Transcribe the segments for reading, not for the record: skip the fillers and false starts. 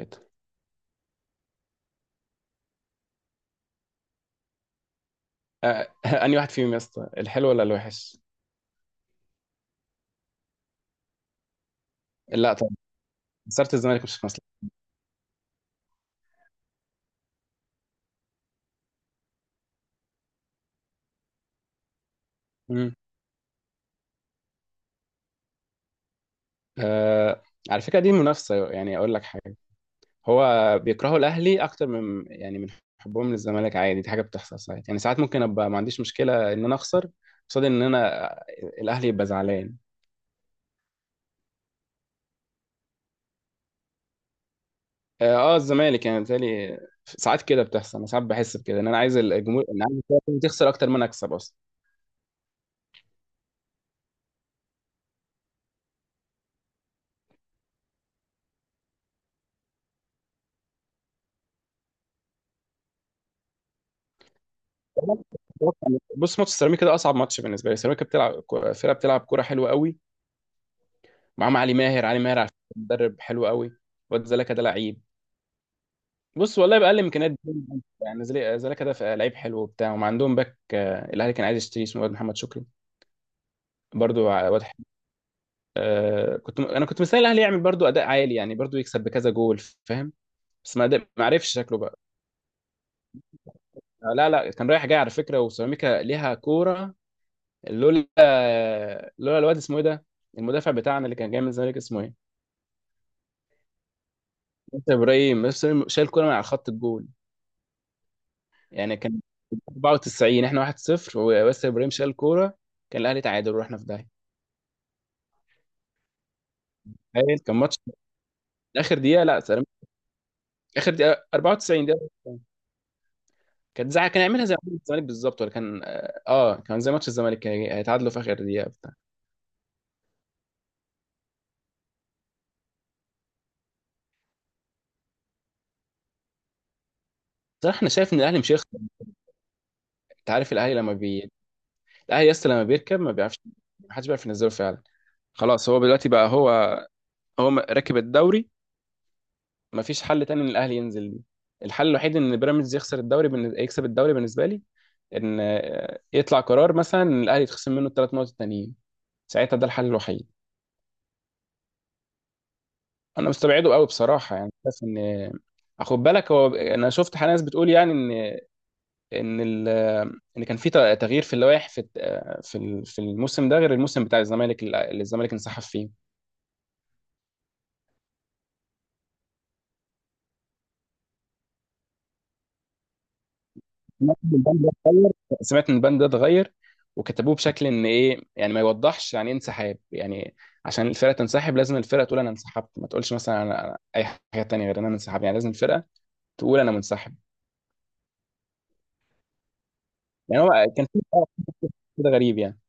آه، انهي واحد فيهم يا اسطى، الحلو ولا الوحش؟ لا طبعا. خساره الزمالك مش هتخلص. مم. آه على فكره دي منافسه، يعني اقول لك حاجه. هو بيكرهوا الاهلي اكتر من يعني من حبهم للزمالك، عادي. دي حاجه بتحصل ساعات، يعني ساعات ممكن ابقى ما عنديش مشكله ان انا اخسر قصاد ان انا الاهلي يبقى زعلان. اه الزمالك يعني بالتالي ساعات كده بتحصل. انا ساعات بحس بكده، ان انا عايز الجمهور، ان عايز الفرقة تخسر اكتر ما انا اكسب اصلا. بص، ماتش سيراميكا ده اصعب ماتش بالنسبه لي. سيراميكا بتلعب، فرقه بتلعب كوره حلوه قوي. معاهم علي ماهر، علي ماهر على فكرة مدرب حلو قوي. واد زلكا ده لعيب، بص والله بأقل إمكانيات. يعني زلكا ده لعيب حلو وبتاع، وما عندهم باك. الأهلي كان عايز يشتريه، اسمه واد محمد شكري، برضو واد حلو. أنا كنت مستني الأهلي يعمل برضو أداء عالي، يعني برضو يكسب بكذا جول، فاهم؟ بس ما عرفش شكله بقى. لا لا، كان رايح جاي على فكرة، وسيراميكا ليها كورة. لولا لولا الواد اسمه إيه ده، المدافع بتاعنا اللي كان جاي من الزمالك، اسمه ايه؟ انت ابراهيم، بس شايل كوره من على خط الجول. يعني كان 94، احنا 1-0 وياسر ابراهيم شال الكوره، كان الاهلي تعادل ورحنا في داهيه. تخيل، كان ماتش اخر دقيقه، لا سلام، اخر دقيقه، 94 دقيقه. كانت كان يعملها زي ماتش الزمالك بالظبط، ولا كان، كان زي ماتش الزمالك، كان هيتعادلوا في اخر دقيقه بتاع بصراحه انا شايف ان الاهلي مش هيخسر. انت عارف الاهلي لما بي الاهلي يس لما بيركب ما بيعرفش، ما حدش بيعرف ينزله فعلا. خلاص، هو دلوقتي بقى هو راكب الدوري. ما فيش حل تاني ان الاهلي ينزل ليه. الحل الوحيد ان بيراميدز يخسر الدوري، يكسب الدوري، بالنسبه لي، ان يطلع قرار مثلا ان الاهلي يتخصم منه الثلاث نقط التانيين، ساعتها ده الحل الوحيد. انا مستبعده قوي بصراحه، يعني بس ان، خد بالك، هو انا شفت حاجة، ناس بتقول يعني ان ان ال... آه، ان كان في تغيير في اللوائح، في في الموسم ده غير الموسم بتاع الزمالك اللي الزمالك انسحب فيه. سمعت ان البند ده اتغير، سمعت ان البند ده اتغير، وكتبوه بشكل ان ايه، يعني ما يوضحش يعني ايه انسحاب. يعني عشان الفرقه تنسحب، لازم الفرقه تقول انا انسحبت، ما تقولش مثلا انا، اي حاجه تانية غير ان انا انسحب. يعني لازم الفرقه تقول انا منسحب. يعني هو كان في كده غريب يعني.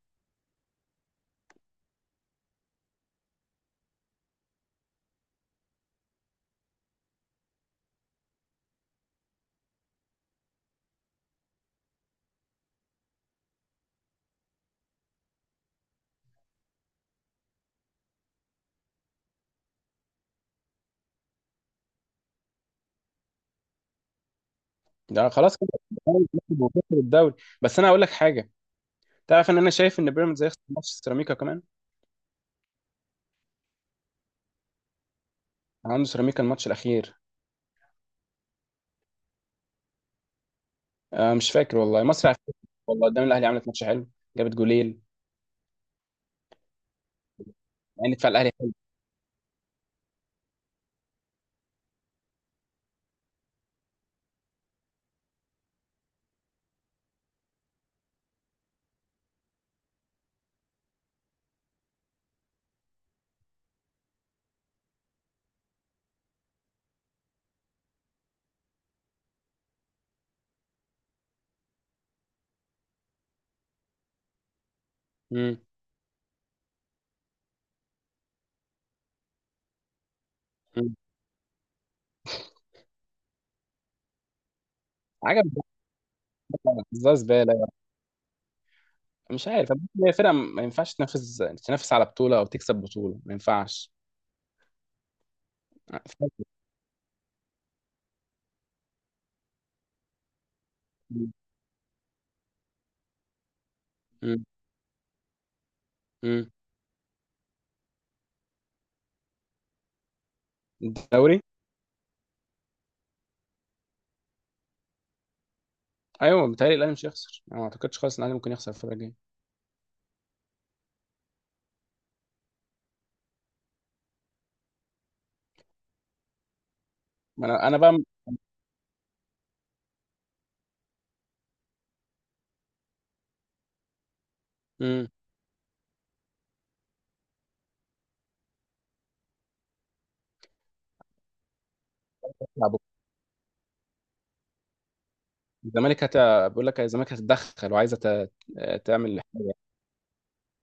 ده خلاص كده، وخسر الدوري. بس انا هقول لك حاجه، تعرف ان انا شايف ان بيراميدز هيخسر ماتش سيراميكا كمان؟ عنده سيراميكا الماتش الاخير. آه، مش فاكر والله. مصر على فكرة والله، قدام الاهلي عملت ماتش حلو، جابت جولين. يعني دفاع الاهلي، امم عجب، زي زباله، مش عارف. هي فرقه ما ينفعش تنافس، تنافس على بطوله او تكسب بطوله، ما ينفعش. امم امم. الدوري، ايوه بيتهيألي الاهلي مش هيخسر، انا ما اعتقدش خالص ان الاهلي ممكن يخسر الفتره الجايه. ما انا انا بقى. امم. الزمالك هت... بيقول لك الزمالك هتتدخل وعايزه تعمل حاجه.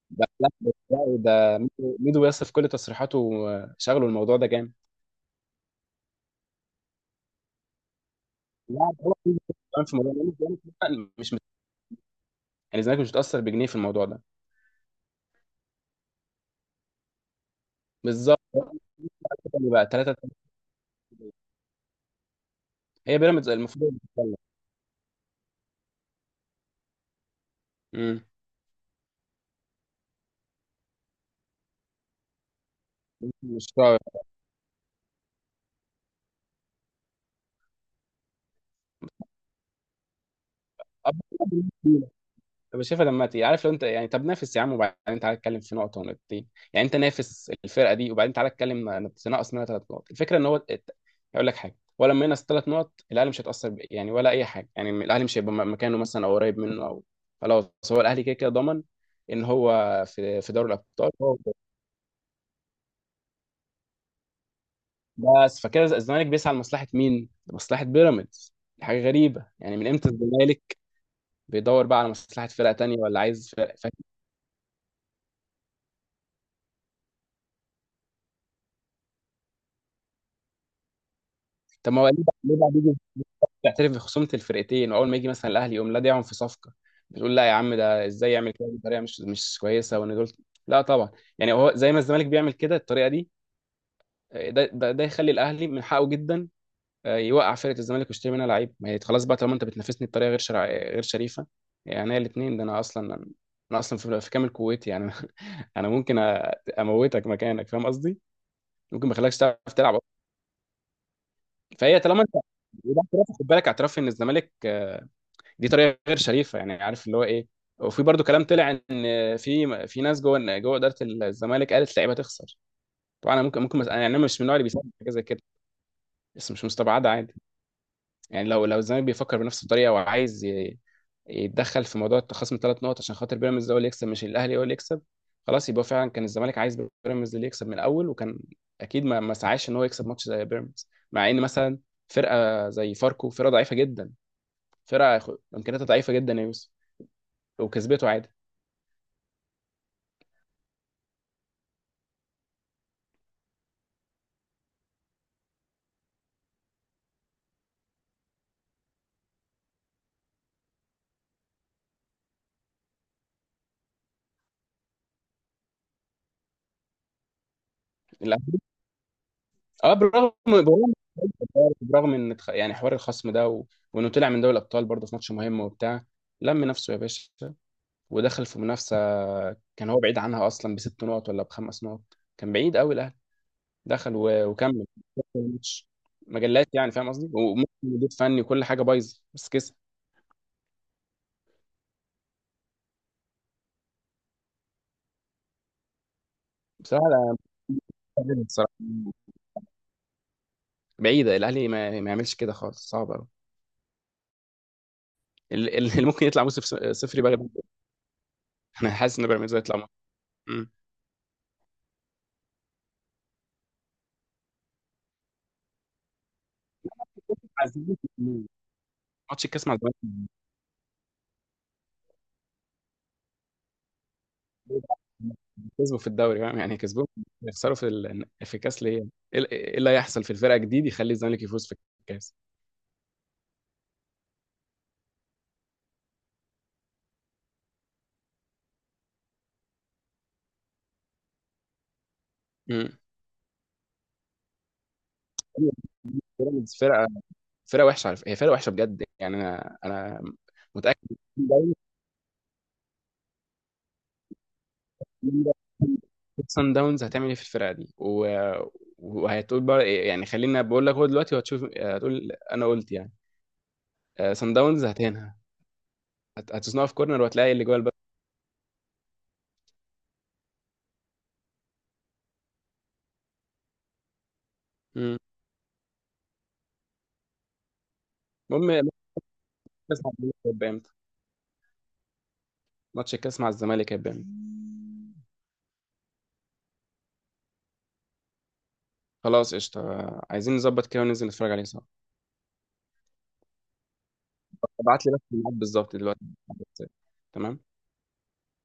ده لا، ده، ده ميدو، ميدو ياسر في كل تصريحاته شغله الموضوع ده جامد. لا ده هو ميدو كمان في الموضوع ده. الزمالك مثلاً مش يعني الزمالك مش متاثر بجنيه في الموضوع ده. بالظبط. هو بقى ثلاثه، هي بيراميدز المفروض. امم. مش قوي. طب شايفها، لما عارف لو انت يعني، طب نافس يا عم وبعدين تعالى اتكلم في نقطه ونقطتين. يعني انت نافس الفرقه دي وبعدين تعالى اتكلم، تنقص منها ثلاث نقط. الفكره ان هو هقول لك حاجه، ولا لما ينقص ثلاث نقط الاهلي مش هيتاثر، يعني ولا اي حاجه، يعني الاهلي مش هيبقى، مكانه مثلا او قريب منه او، خلاص هو الاهلي كده كده ضمن ان هو في في دوري الابطال هو. بس فكده الزمالك بيسعى لمصلحه مين؟ لمصلحه بيراميدز؟ حاجه غريبه، يعني من امتى الزمالك بيدور بقى على مصلحه فرقه تانيه، ولا عايز فرقه. طب ما هو ليه بقى، ليه بقى بيجي تعترف بخصومه الفرقتين، واول ما يجي مثلا الاهلي يقوم لادعهم في صفقه بتقول لا يا عم، ده ازاي يعمل كده بطريقه مش كويسه وان دول، لا طبعا. يعني هو زي ما الزمالك بيعمل كده الطريقه دي، ده ده يخلي الاهلي من حقه جدا، يوقع فرقه الزمالك ويشتري منها لعيب. ما هي خلاص بقى، طالما انت بتنافسني بطريقه غير شريفه، يعني هي الاثنين ده، انا اصلا، انا اصلا في كامل قوتي يعني انا ممكن اموتك مكانك، فاهم قصدي؟ ممكن ما اخليكش تعرف تلعب أصلاً. فهي طالما انت، وده اعتراف، خد بالك، اعتراف ان الزمالك، دي طريقه غير شريفه، يعني عارف اللي هو ايه. وفي برضو كلام طلع ان في في ناس جوه جوه اداره الزمالك قالت اللعيبه تخسر. طبعا انا ممكن يعني انا مش من النوع اللي بيساعد حاجه زي كده، بس مش مستبعده عادي. يعني لو الزمالك بيفكر بنفس الطريقه وعايز يتدخل في موضوع التخاصم ثلاث نقط عشان خاطر بيراميدز هو اللي يكسب، مش الاهلي هو اللي يكسب، خلاص يبقى فعلا كان الزمالك عايز بيراميدز اللي يكسب من الاول، وكان اكيد ما ما سعاش ان هو يكسب ماتش زي بيراميدز، مع ان مثلا فرقه زي فاركو فرقه ضعيفه جدا، فرقه امكانياتها ضعيفه جدا يا يوسف، وكسبته عادي. لا. اه، برغم، برغم ان يعني حوار الخصم ده وانه طلع من دوري الابطال برضه في ماتش مهم وبتاع، لم نفسه يا باشا، ودخل في منافسه كان هو بعيد عنها اصلا بست نقط ولا بخمس نقط، كان بعيد قوي الاهلي، دخل وكمل الماتش، مجلات يعني، فاهم قصدي، وممكن مدير فني وكل حاجه بايظه، بس كسب. بصراحه، لا، بصراحه بعيده الاهلي، ما يعملش كده خالص، صعب قوي. اللي ممكن يطلع موسم صفر بقى، انا حاسس ان بيراميدز هيطلع مم. ماتش الكاس مع الزمالك، كسبوا في الدوري فاهم يعني، كسبوهم. يخسروا في ال... في الكاس ليه؟ ايه إيه اللي هيحصل في الفرقه جديد يخلي الزمالك يفوز في الكاس؟ امم. بيراميدز فرقه، فرقه وحشه على فكرة. هي فرقه وحشه بجد يعني، انا انا متاكد. سان داونز هتعمل ايه في الفرقه دي، وهتقول بقى إيه يعني، خلينا بقول لك هو دلوقتي وهتشوف، هتقول انا قلت يعني. سان داونز هتهنها، هتصنعها في كورنر وهتلاقي اللي جوه الباب. مم. المهم، ماتش الكاس مع الزمالك هيبان. خلاص قشطة، عايزين نظبط كده وننزل نتفرج عليه سوا. ابعت لي بس الميعاد بالظبط دلوقتي على الواتساب. تمام.